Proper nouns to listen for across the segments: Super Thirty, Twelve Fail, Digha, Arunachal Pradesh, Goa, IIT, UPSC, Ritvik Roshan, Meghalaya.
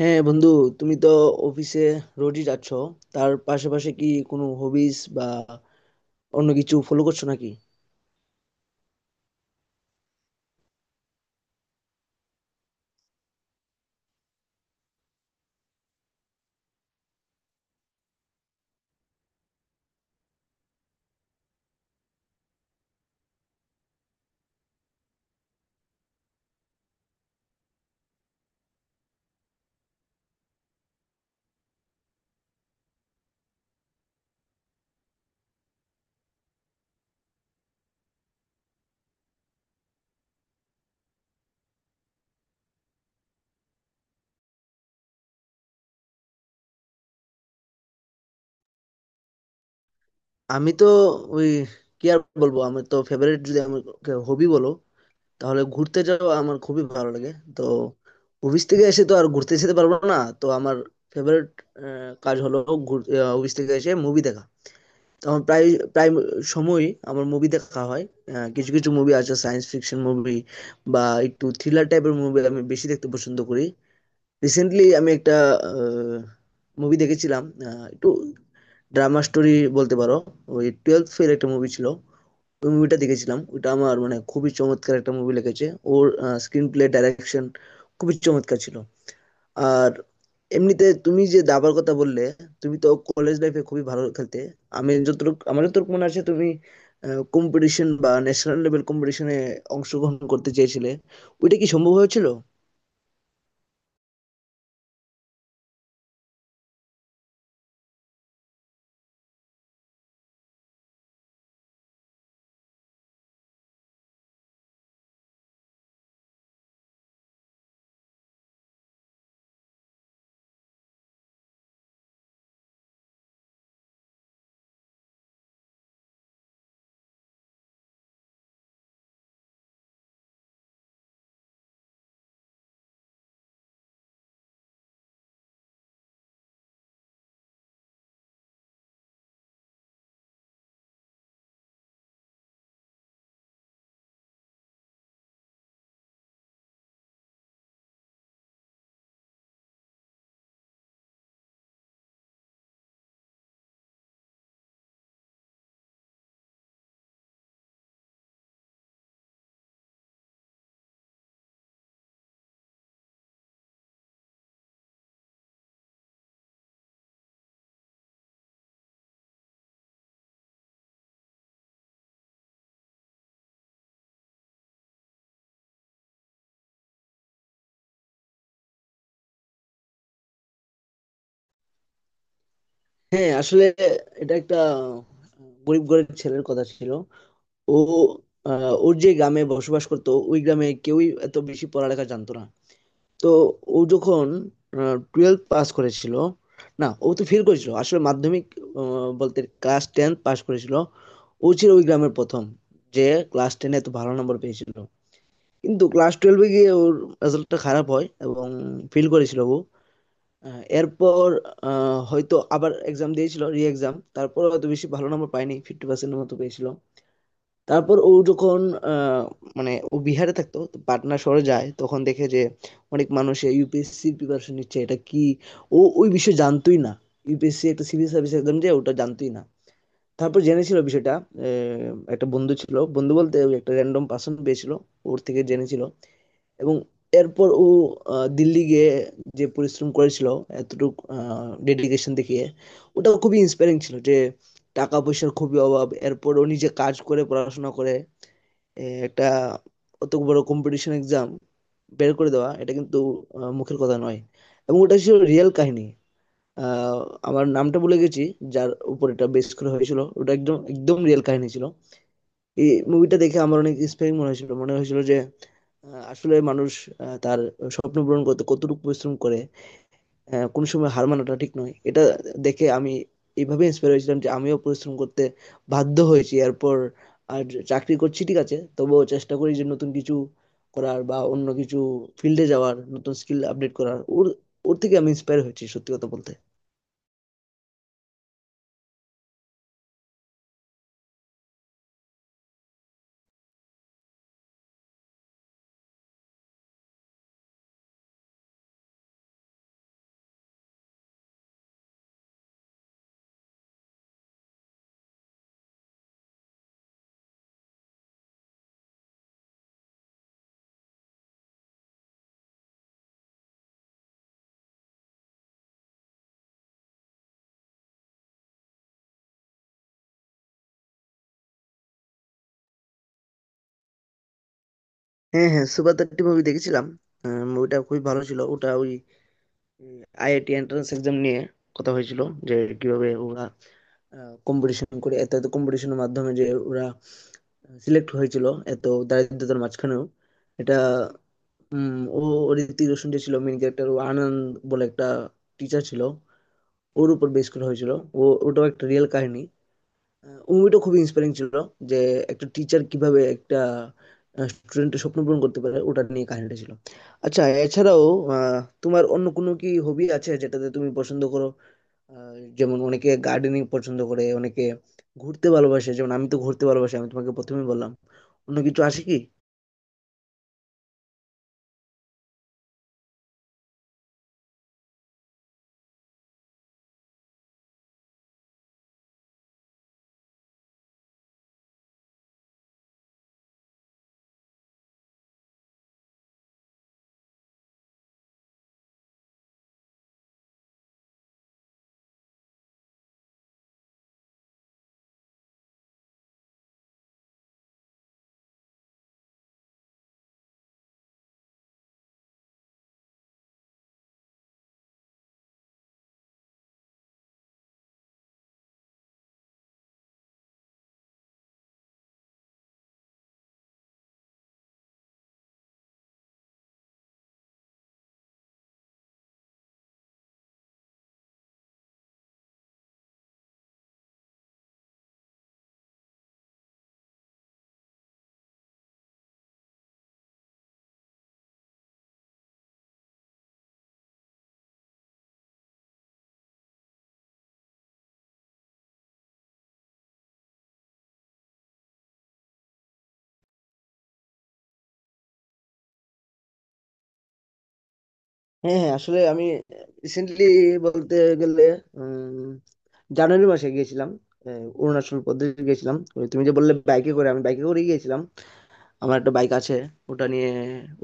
হ্যাঁ, বন্ধু, তুমি তো অফিসে রোজই যাচ্ছ। তার পাশাপাশি কি কোনো হবিস বা অন্য কিছু ফলো করছো নাকি? আমি তো ওই, কি আর বলবো? আমার তো ফেভারিট, যদি আমাকে হবি বলো, তাহলে ঘুরতে যাওয়া আমার খুবই ভালো লাগে। তো অফিস থেকে এসে তো আর ঘুরতে যেতে পারবো না, তো আমার ফেভারিট কাজ হলো অফিস থেকে এসে মুভি দেখা। তো আমার প্রায় প্রায় সময়ই আমার মুভি দেখা হয়। কিছু কিছু মুভি আছে, সায়েন্স ফিকশন মুভি বা একটু থ্রিলার টাইপের মুভি আমি বেশি দেখতে পছন্দ করি। রিসেন্টলি আমি একটা মুভি দেখেছিলাম, একটু ড্রামা স্টোরি বলতে পারো। ওই টুয়েলভ ফেল একটা মুভি ছিল, ওই মুভিটা দেখেছিলাম। ওটা আমার মানে খুবই চমৎকার একটা মুভি লেগেছে। ওর স্ক্রিন প্লে, ডাইরেকশন খুবই চমৎকার ছিল। আর এমনিতে তুমি যে দাবার কথা বললে, তুমি তো কলেজ লাইফে খুবই ভালো খেলতে। আমি যতটুকু আমার যতটুকু মনে আছে, তুমি কম্পিটিশন বা ন্যাশনাল লেভেল কম্পিটিশনে অংশগ্রহণ করতে চেয়েছিলে। ওইটা কি সম্ভব হয়েছিল? হ্যাঁ, আসলে এটা একটা গরিব ঘরের ছেলের কথা ছিল। ও ওর যে গ্রামে বসবাস করতো, ওই গ্রামে কেউই এত বেশি পড়ালেখা জানতো না। তো ও যখন টুয়েলভ পাস করেছিল, না, ও তো ফেল করেছিল আসলে মাধ্যমিক, বলতে ক্লাস টেন পাস করেছিল। ও ছিল ওই গ্রামের প্রথম, যে ক্লাস টেনে এত ভালো নম্বর পেয়েছিল। কিন্তু ক্লাস টুয়েলভে গিয়ে ওর রেজাল্টটা খারাপ হয় এবং ফেল করেছিল ও। এরপর হয়তো আবার এক্সাম দিয়েছিল, রি এক্সাম, তারপর হয়তো বেশি ভালো নম্বর পাইনি, ফিফটি পার্সেন্টের মতো পেয়েছিল। তারপর ও যখন আহ, মানে ও বিহারে থাকতো, তো পাটনা শহরে যায়, তখন দেখে যে অনেক মানুষ ইউপিএসসি প্রিপারেশন নিচ্ছে। এটা কি, ও ওই বিষয়ে জানতোই না, ইউপিএসসি একটা সিভিল সার্ভিস এক্সাম, যে ওটা জানতোই না। তারপর জেনেছিল বিষয়টা। একটা বন্ধু ছিল, বন্ধু বলতে ওই একটা র্যান্ডম পার্সন পেয়েছিল, ওর থেকে জেনেছিল। এবং এরপর ও দিল্লি গিয়ে যে পরিশ্রম করেছিল, এতটুকু ডেডিকেশন দেখিয়ে, ওটা খুবই ইন্সপায়ারিং ছিল। যে টাকা পয়সার খুবই অভাব, এরপর ও নিজে কাজ করে পড়াশোনা করে একটা অত বড় কম্পিটিশন এক্সাম বের করে দেওয়া, এটা কিন্তু মুখের কথা নয়। এবং ওটা ছিল রিয়েল কাহিনী। আহ, আমার নামটা ভুলে গেছি, যার উপর এটা বেস করে হয়েছিল। ওটা একদম একদম রিয়েল কাহিনী ছিল। এই মুভিটা দেখে আমার অনেক ইন্সপায়ারিং মনে হয়েছিল। মনে হয়েছিল যে আসলে মানুষ তার স্বপ্ন পূরণ করতে কতটুকু পরিশ্রম করে, কোন সময় হার মানাটা ঠিক নয়। এটা দেখে আমি এইভাবে ইন্সপায়ার হয়েছিলাম যে আমিও পরিশ্রম করতে বাধ্য হয়েছি এরপর। আর চাকরি করছি, ঠিক আছে, তবুও চেষ্টা করি যে নতুন কিছু করার বা অন্য কিছু ফিল্ডে যাওয়ার, নতুন স্কিল আপডেট করার। ওর ওর থেকে আমি ইন্সপায়ার হয়েছি, সত্যি কথা বলতে। হ্যাঁ, হ্যাঁ, সুপার থার্টি মুভি দেখেছিলাম। মুভিটা খুবই ভালো ছিল। ওটা ওই আইআইটি এন্ট্রান্স এক্সাম নিয়ে কথা হয়েছিল, যে কিভাবে ওরা কম্পিটিশন করে, এত এত কম্পিটিশনের মাধ্যমে যে ওরা সিলেক্ট হয়েছিল এত দারিদ্রতার মাঝখানেও। এটা ও ও ঋত্বিক রোশন যে ছিল মেন ক্যারেক্টার, ও আনন্দ বলে একটা টিচার ছিল, ওর উপর বেস করা হয়েছিল। ও ওটাও একটা রিয়েল কাহিনী। ওই মুভিটা খুবই ইন্সপায়ারিং ছিল, যে একটা টিচার কিভাবে একটা স্টুডেন্টের স্বপ্ন পূরণ করতে পারে, ওটা নিয়ে কাহিনীটা ছিল। আচ্ছা, এছাড়াও আহ, তোমার অন্য কোনো কি হবি আছে, যেটাতে তুমি পছন্দ করো? যেমন অনেকে গার্ডেনিং পছন্দ করে, অনেকে ঘুরতে ভালোবাসে, যেমন আমি তো ঘুরতে ভালোবাসি, আমি তোমাকে প্রথমেই বললাম। অন্য কিছু আসে কি? হ্যাঁ, হ্যাঁ, আসলে আমি রিসেন্টলি বলতে গেলে উম, জানুয়ারি মাসে গিয়েছিলাম। অরুণাচল প্রদেশ গিয়েছিলাম। ওই তুমি যে বললে বাইকে করে, আমি বাইকে করে গিয়েছিলাম। আমার একটা বাইক আছে, ওটা নিয়ে,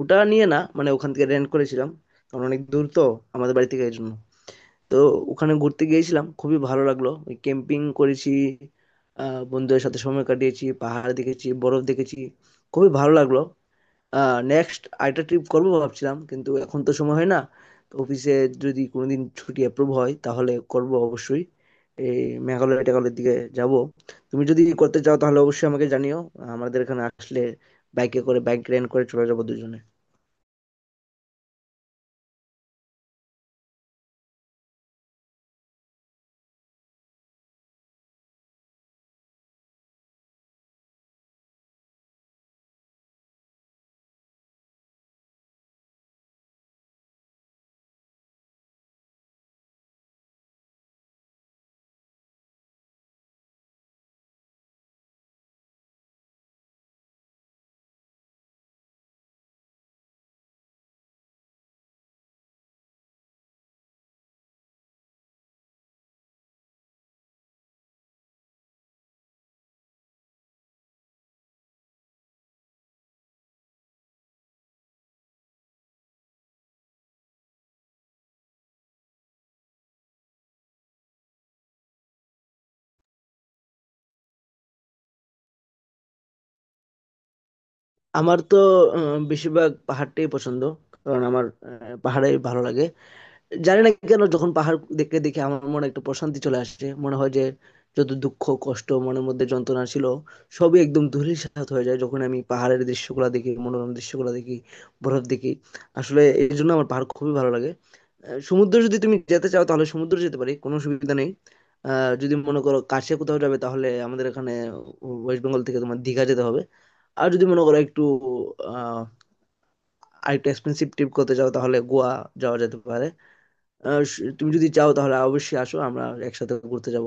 ওটা নিয়ে না, মানে ওখান থেকে রেন্ট করেছিলাম, কারণ অনেক দূর তো আমাদের বাড়ি থেকে, এই জন্য। তো ওখানে ঘুরতে গিয়েছিলাম, খুবই ভালো লাগলো। ওই ক্যাম্পিং করেছি, বন্ধুদের সাথে সময় কাটিয়েছি, পাহাড় দেখেছি, বরফ দেখেছি। খুবই ভালো লাগলো। নেক্সট আরেকটা ট্রিপ করবো ভাবছিলাম, কিন্তু এখন তো সময় হয় না। তো অফিসে যদি কোনোদিন ছুটি অ্যাপ্রুভ হয় তাহলে করব অবশ্যই। এই মেঘালয় টেঘালয়ের দিকে যাব। তুমি যদি করতে চাও তাহলে অবশ্যই আমাকে জানিও, আমাদের এখানে আসলে বাইকে করে, বাইক রেন্ট করে চলে যাবো দুজনে। আমার তো বেশিরভাগ পাহাড়টাই পছন্দ, কারণ আমার পাহাড়ে ভালো লাগে। জানি না কেন, যখন পাহাড় দেখে দেখে আমার মনে একটা প্রশান্তি চলে আসে, মনে হয় যে যত দুঃখ কষ্ট মনের মধ্যে যন্ত্রণা ছিল, সবই একদম ধূলিসাৎ হয়ে যায়, যখন আমি পাহাড়ের দৃশ্যগুলো দেখি, মনোরম দৃশ্যগুলো দেখি, বরফ দেখি। আসলে এই জন্য আমার পাহাড় খুবই ভালো লাগে। সমুদ্র, যদি তুমি যেতে চাও তাহলে সমুদ্র যেতে পারি, কোনো সুবিধা নেই। যদি মনে করো কাছে কোথাও যাবে, তাহলে আমাদের এখানে ওয়েস্ট বেঙ্গল থেকে তোমার দীঘা যেতে হবে। আর যদি মনে করো একটু আহ আরেকটু এক্সপেন্সিভ ট্রিপ করতে চাও, তাহলে গোয়া যাওয়া যেতে পারে। আহ, তুমি যদি চাও তাহলে অবশ্যই আসো, আমরা একসাথে ঘুরতে যাব।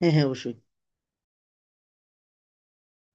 হ্যাঁ, হ্যাঁ, অবশ্যই।